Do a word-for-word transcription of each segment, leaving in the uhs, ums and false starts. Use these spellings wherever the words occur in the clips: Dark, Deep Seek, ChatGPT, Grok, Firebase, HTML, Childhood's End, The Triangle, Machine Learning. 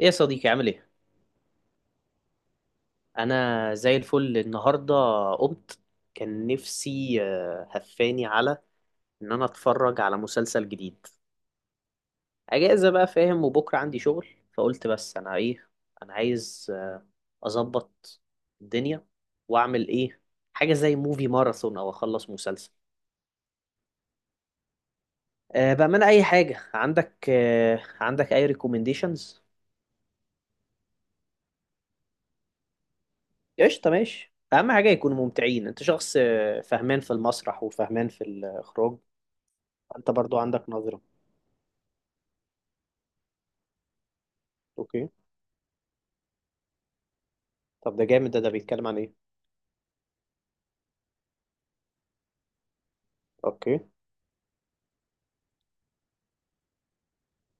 ايه يا صديقي، عامل ايه؟ انا زي الفل النهارده. قمت. كان نفسي آه، هفاني على ان انا اتفرج على مسلسل جديد. اجازه بقى، فاهم، وبكره عندي شغل. فقلت بس انا ايه؟ انا عايز آه، اظبط الدنيا واعمل ايه، حاجه زي موفي ماراثون او اخلص مسلسل. أه، بامانه اي حاجه عندك. أه عندك اي ريكومنديشنز؟ قشطه، ماشي. اهم حاجه يكونوا ممتعين. انت شخص آه، فهمان في المسرح وفهمان في الاخراج. انت برضو عندك نظرة. اوكي، طب ده جامد. ده ده بيتكلم عن ايه؟ اوكي.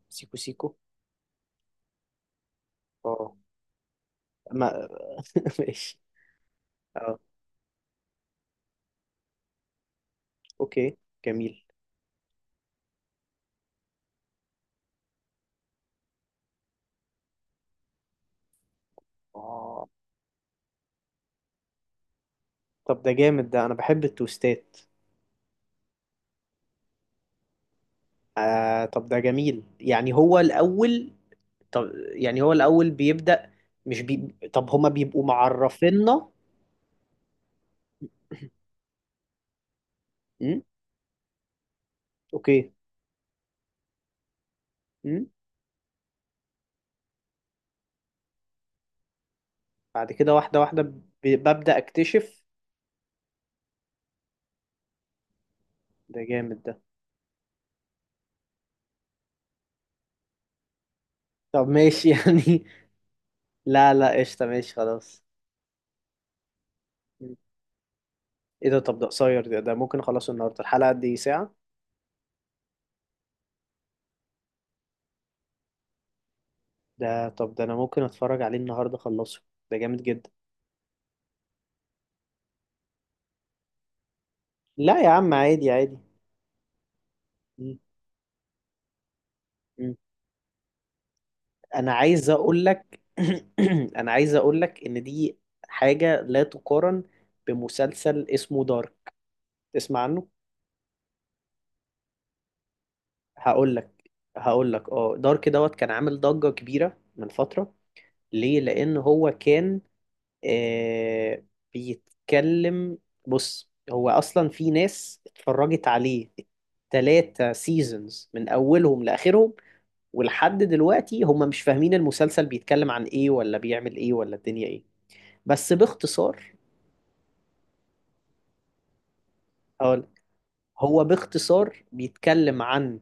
سيكو سيكو. اه. ما ماشي. اه، اوكي، جميل. اه طب ده جامد ده انا بحب التوستات آه، طب ده جميل. يعني هو الاول، طب، يعني هو الاول بيبدأ، مش بي... طب هما بيبقوا معرفيننا؟ امم اوكي. امم بعد كده واحدة واحدة ب... ببدأ اكتشف. ده جامد ده. طب ماشي، يعني لا لا، قشطة، ماشي خلاص. ايه ده؟ طب ده قصير، ده ده ممكن اخلصه النهارده. الحلقة قد ايه، ساعة؟ ده؟ طب ده انا ممكن اتفرج عليه النهارده، اخلصه. ده جامد جدا. لا يا عم، عادي عادي. م- م. انا عايز اقول لك، انا عايز اقول لك ان دي حاجة لا تقارن بمسلسل اسمه دارك. تسمع عنه؟ هقول لك هقول لك، اه، دارك دوت كان عامل ضجة كبيرة من فترة. ليه؟ لان هو كان، آه، بيتكلم. بص، هو اصلا في ناس اتفرجت عليه تلاتة سيزونز من اولهم لاخرهم، ولحد دلوقتي هم مش فاهمين المسلسل بيتكلم عن ايه ولا بيعمل ايه ولا الدنيا ايه. بس باختصار، هقول، هو باختصار بيتكلم عن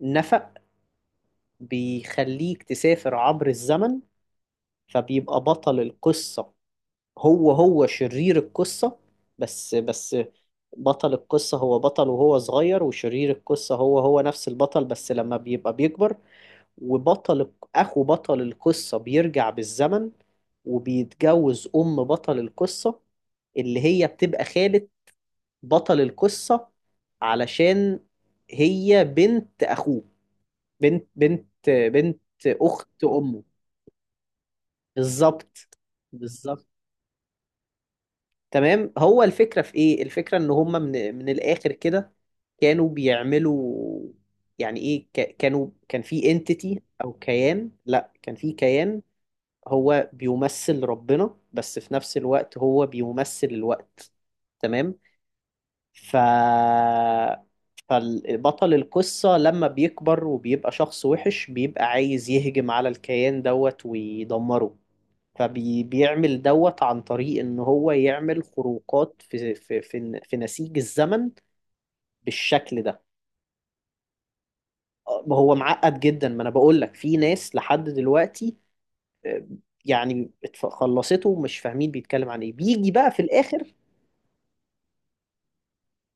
نفق بيخليك تسافر عبر الزمن. فبيبقى بطل القصة هو هو شرير القصة. بس بس بطل القصة هو بطل وهو صغير، وشرير القصة هو هو نفس البطل بس لما بيبقى بيكبر. وبطل، أخو بطل القصة، بيرجع بالزمن وبيتجوز أم بطل القصة، اللي هي بتبقى خالة بطل القصة، علشان هي بنت أخوه. بنت بنت بنت أخت أمه. بالظبط. بالظبط. تمام، هو الفكرة في ايه، الفكرة ان هم، من من الاخر كده، كانوا بيعملوا، يعني ايه، ك- كانوا كان في انتيتي او كيان. لا، كان في كيان هو بيمثل ربنا، بس في نفس الوقت هو بيمثل الوقت. تمام. ف فالبطل القصة لما بيكبر وبيبقى شخص وحش، بيبقى عايز يهجم على الكيان دوت ويدمره، فبيعمل دوت عن طريق ان هو يعمل خروقات في في في, في نسيج الزمن، بالشكل ده. آه، هو معقد جدا. ما انا بقول لك، في ناس لحد دلوقتي، آه، يعني اتف- خلصته ومش فاهمين بيتكلم عن ايه، بيجي بقى في الاخر.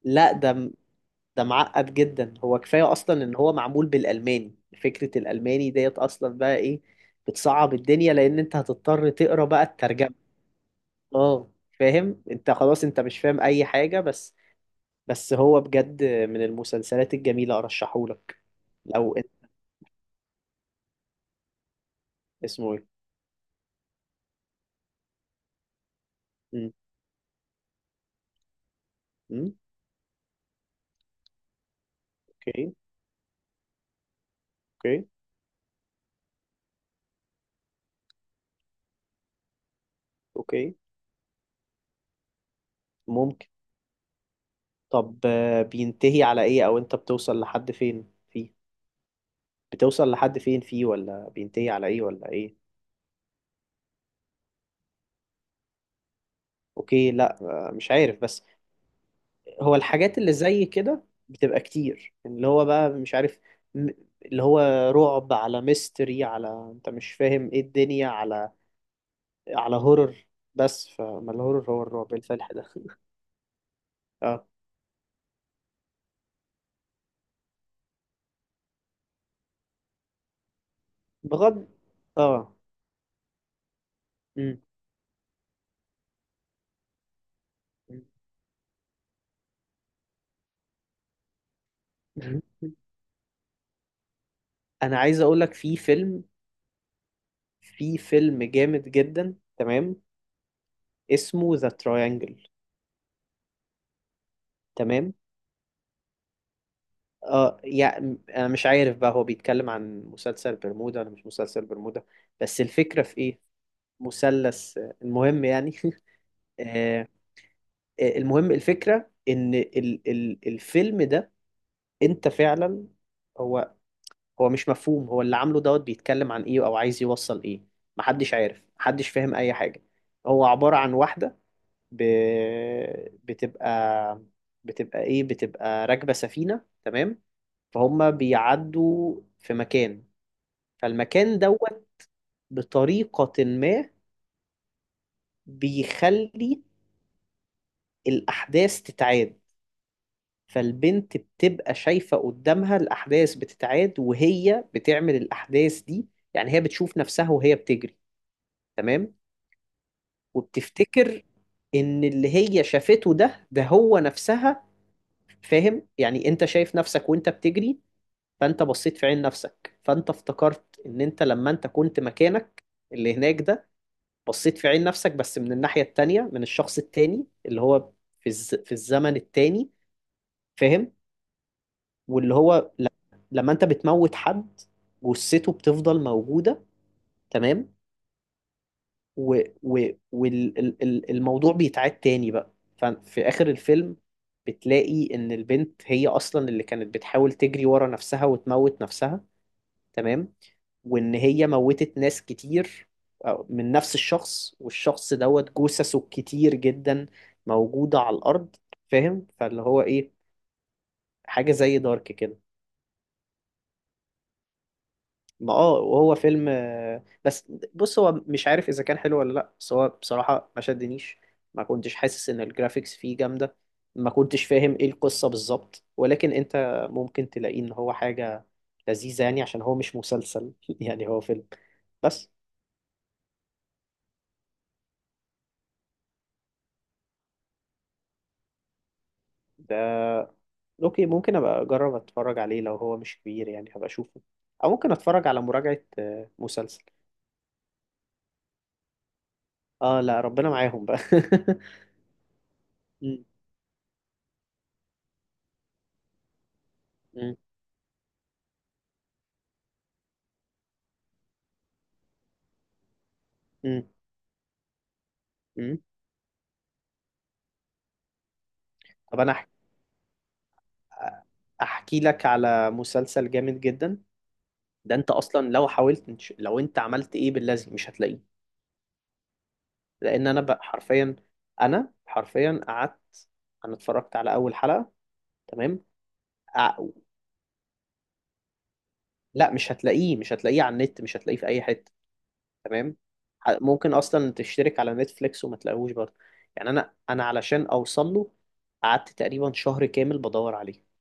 لا ده م- ده معقد جدا. هو كفايه اصلا ان هو معمول بالالماني. فكره الالماني ديت اصلا بقى ايه، بتصعب الدنيا، لان انت هتضطر تقرا بقى الترجمه. اه، فاهم انت، خلاص انت مش فاهم اي حاجه. بس بس هو بجد من المسلسلات الجميلة، أرشحهولك لو أنت. اسمه إيه؟ مم. مم. أوكي. أوكي. أوكي ممكن. طب، آه، بينتهي على إيه، أو أنت بتوصل لحد فين فيه؟ بتوصل لحد فين فيه، ولا بينتهي على إيه ولا إيه؟ أوكي. لا، آه، مش عارف، بس هو الحاجات اللي زي كده بتبقى كتير، اللي هو بقى مش عارف، م- اللي هو رعب، على ميستري، على أنت مش فاهم إيه الدنيا، على على هورر. بس فما الهورر هو الرعب الفلح ده. اه. بغض. اه. مم. مم. انا عايز اقول لك في فيلم، في فيلم جامد جدا، تمام، اسمه ذا تراينجل. تمام. اه، يعني انا مش عارف بقى، هو بيتكلم عن مسلسل برمودا ولا مش مسلسل برمودا. بس الفكرة في ايه، مثلث، آه، المهم يعني، آه، آه، المهم، الفكرة ان ال ال الفيلم ده، انت فعلا، هو هو مش مفهوم، هو اللي عامله دوت بيتكلم عن ايه او عايز يوصل ايه. محدش عارف، محدش فاهم اي حاجة. هو عبارة عن واحدة ب... بتبقى، بتبقى ايه، بتبقى راكبة سفينة. تمام، فهم بيعدوا في مكان، فالمكان دوت بطريقة ما بيخلي الأحداث تتعاد. فالبنت بتبقى شايفة قدامها الأحداث بتتعاد وهي بتعمل الأحداث دي. يعني هي بتشوف نفسها وهي بتجري، تمام، وبتفتكر ان اللي هي شافته ده ده هو نفسها. فاهم، يعني انت شايف نفسك وانت بتجري، فانت بصيت في عين نفسك، فانت افتكرت ان انت لما انت كنت مكانك اللي هناك ده، بصيت في عين نفسك بس من الناحية التانية، من الشخص التاني اللي هو في الز... في الزمن التاني. فاهم. واللي هو لما انت بتموت حد، جثته بتفضل موجودة، تمام، والموضوع بيتعاد تاني بقى. ففي آخر الفيلم بتلاقي إن البنت هي أصلا اللي كانت بتحاول تجري ورا نفسها وتموت نفسها، تمام، وإن هي موتت ناس كتير، أو- من نفس الشخص، والشخص دوت جثثه كتير جدا موجودة على الأرض. فاهم؟ فاللي هو إيه، حاجة زي دارك كده. ما اه، وهو فيلم، آه، بس بص هو مش عارف اذا كان حلو ولا لا، بس هو بصراحة ما شدنيش، ما كنتش حاسس ان الجرافيكس فيه جامدة، ما كنتش فاهم ايه القصة بالظبط، ولكن انت ممكن تلاقيه ان هو حاجة لذيذة، يعني عشان هو مش مسلسل، يعني هو فيلم بس. ده؟ اوكي، ممكن ابقى اجرب اتفرج عليه لو هو مش كبير، يعني هبقى اشوفه، او ممكن اتفرج على مراجعة. آه، مسلسل، اه، لا ربنا معاهم بقى. م- م- م- م. طب انا احكي لك على مسلسل جامد جدا. ده انت اصلا لو حاولت، انت- لو انت عملت ايه باللازم، مش هتلاقيه. لان انا بقى حرفيا، انا حرفيا قعدت، انا اتفرجت على اول حلقة، تمام، أع- لا، مش هتلاقيه، مش هتلاقيه على النت، مش هتلاقيه في اي حتة. تمام. ح- ممكن اصلا تشترك على نتفليكس وما تلاقيهوش برضه. يعني انا، انا علشان اوصل له قعدت تقريبا شهر كامل بدور عليه.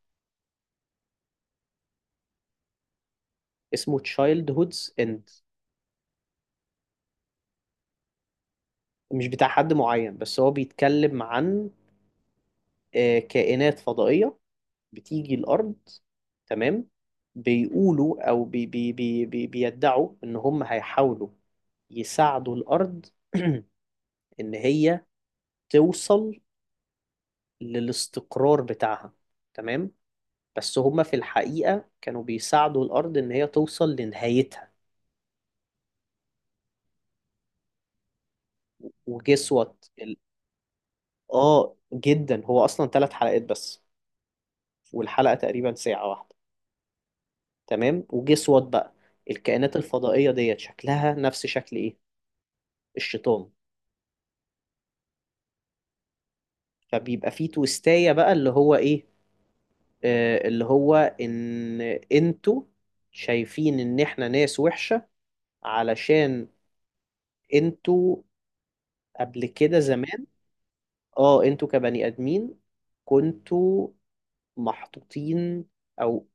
اسمه Childhood's End. مش بتاع حد معين، بس هو بيتكلم عن، آه، كائنات فضائية بتيجي الأرض، تمام، بيقولوا أو بي بي بي بي بيدعوا إن هم هيحاولوا يساعدوا الأرض، إن هي توصل للاستقرار بتاعها، تمام. بس هم في الحقيقة كانوا بيساعدوا الأرض إن هي توصل لنهايتها. وجسوت ال... آه جدا، هو أصلا ثلاث حلقات بس، والحلقة تقريبا ساعة واحدة، تمام. وجسوت بقى الكائنات الفضائية ديت شكلها نفس شكل إيه، الشيطان. فبيبقى فيه تويستاية بقى، اللي هو ايه، آه، اللي هو ان انتوا شايفين ان احنا ناس وحشة، علشان انتوا قبل كده زمان، اه، انتوا كبني ادمين كنتوا محطوطين، او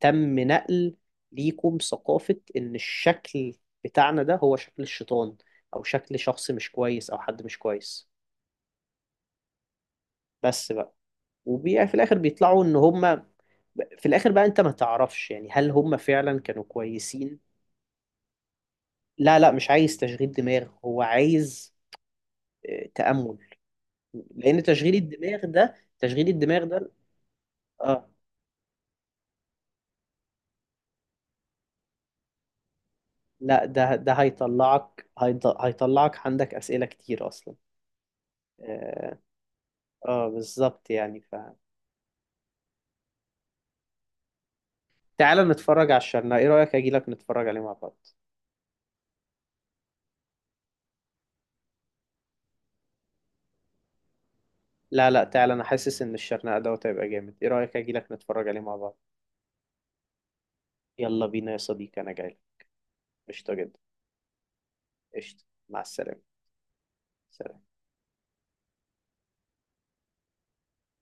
تم نقل ليكم ثقافة ان الشكل بتاعنا ده هو شكل الشيطان، او شكل شخص مش كويس او حد مش كويس. بس بقى، وفي الاخر بيطلعوا ان هم، في الاخر بقى انت ما تعرفش يعني هل هم فعلا كانوا كويسين. لا لا، مش عايز تشغيل دماغ، هو عايز آه، تأمل. لان تشغيل الدماغ ده، تشغيل الدماغ ده، اه، لا، ده ده هيطلعك، هيض- هيطلعك عندك أسئلة كتير اصلا. اه، آه بالظبط يعني. ف تعال نتفرج على الشرنقة، ايه رأيك اجيلك نتفرج عليه مع بعض؟ لا لا، تعال، انا حاسس ان الشرنقة دوت هيبقى جامد. ايه رأيك اجيلك نتفرج عليه مع بعض؟ يلا بينا يا صديقي، انا جاي. قشطة جدا. قشطة، مع السلامة. سلام.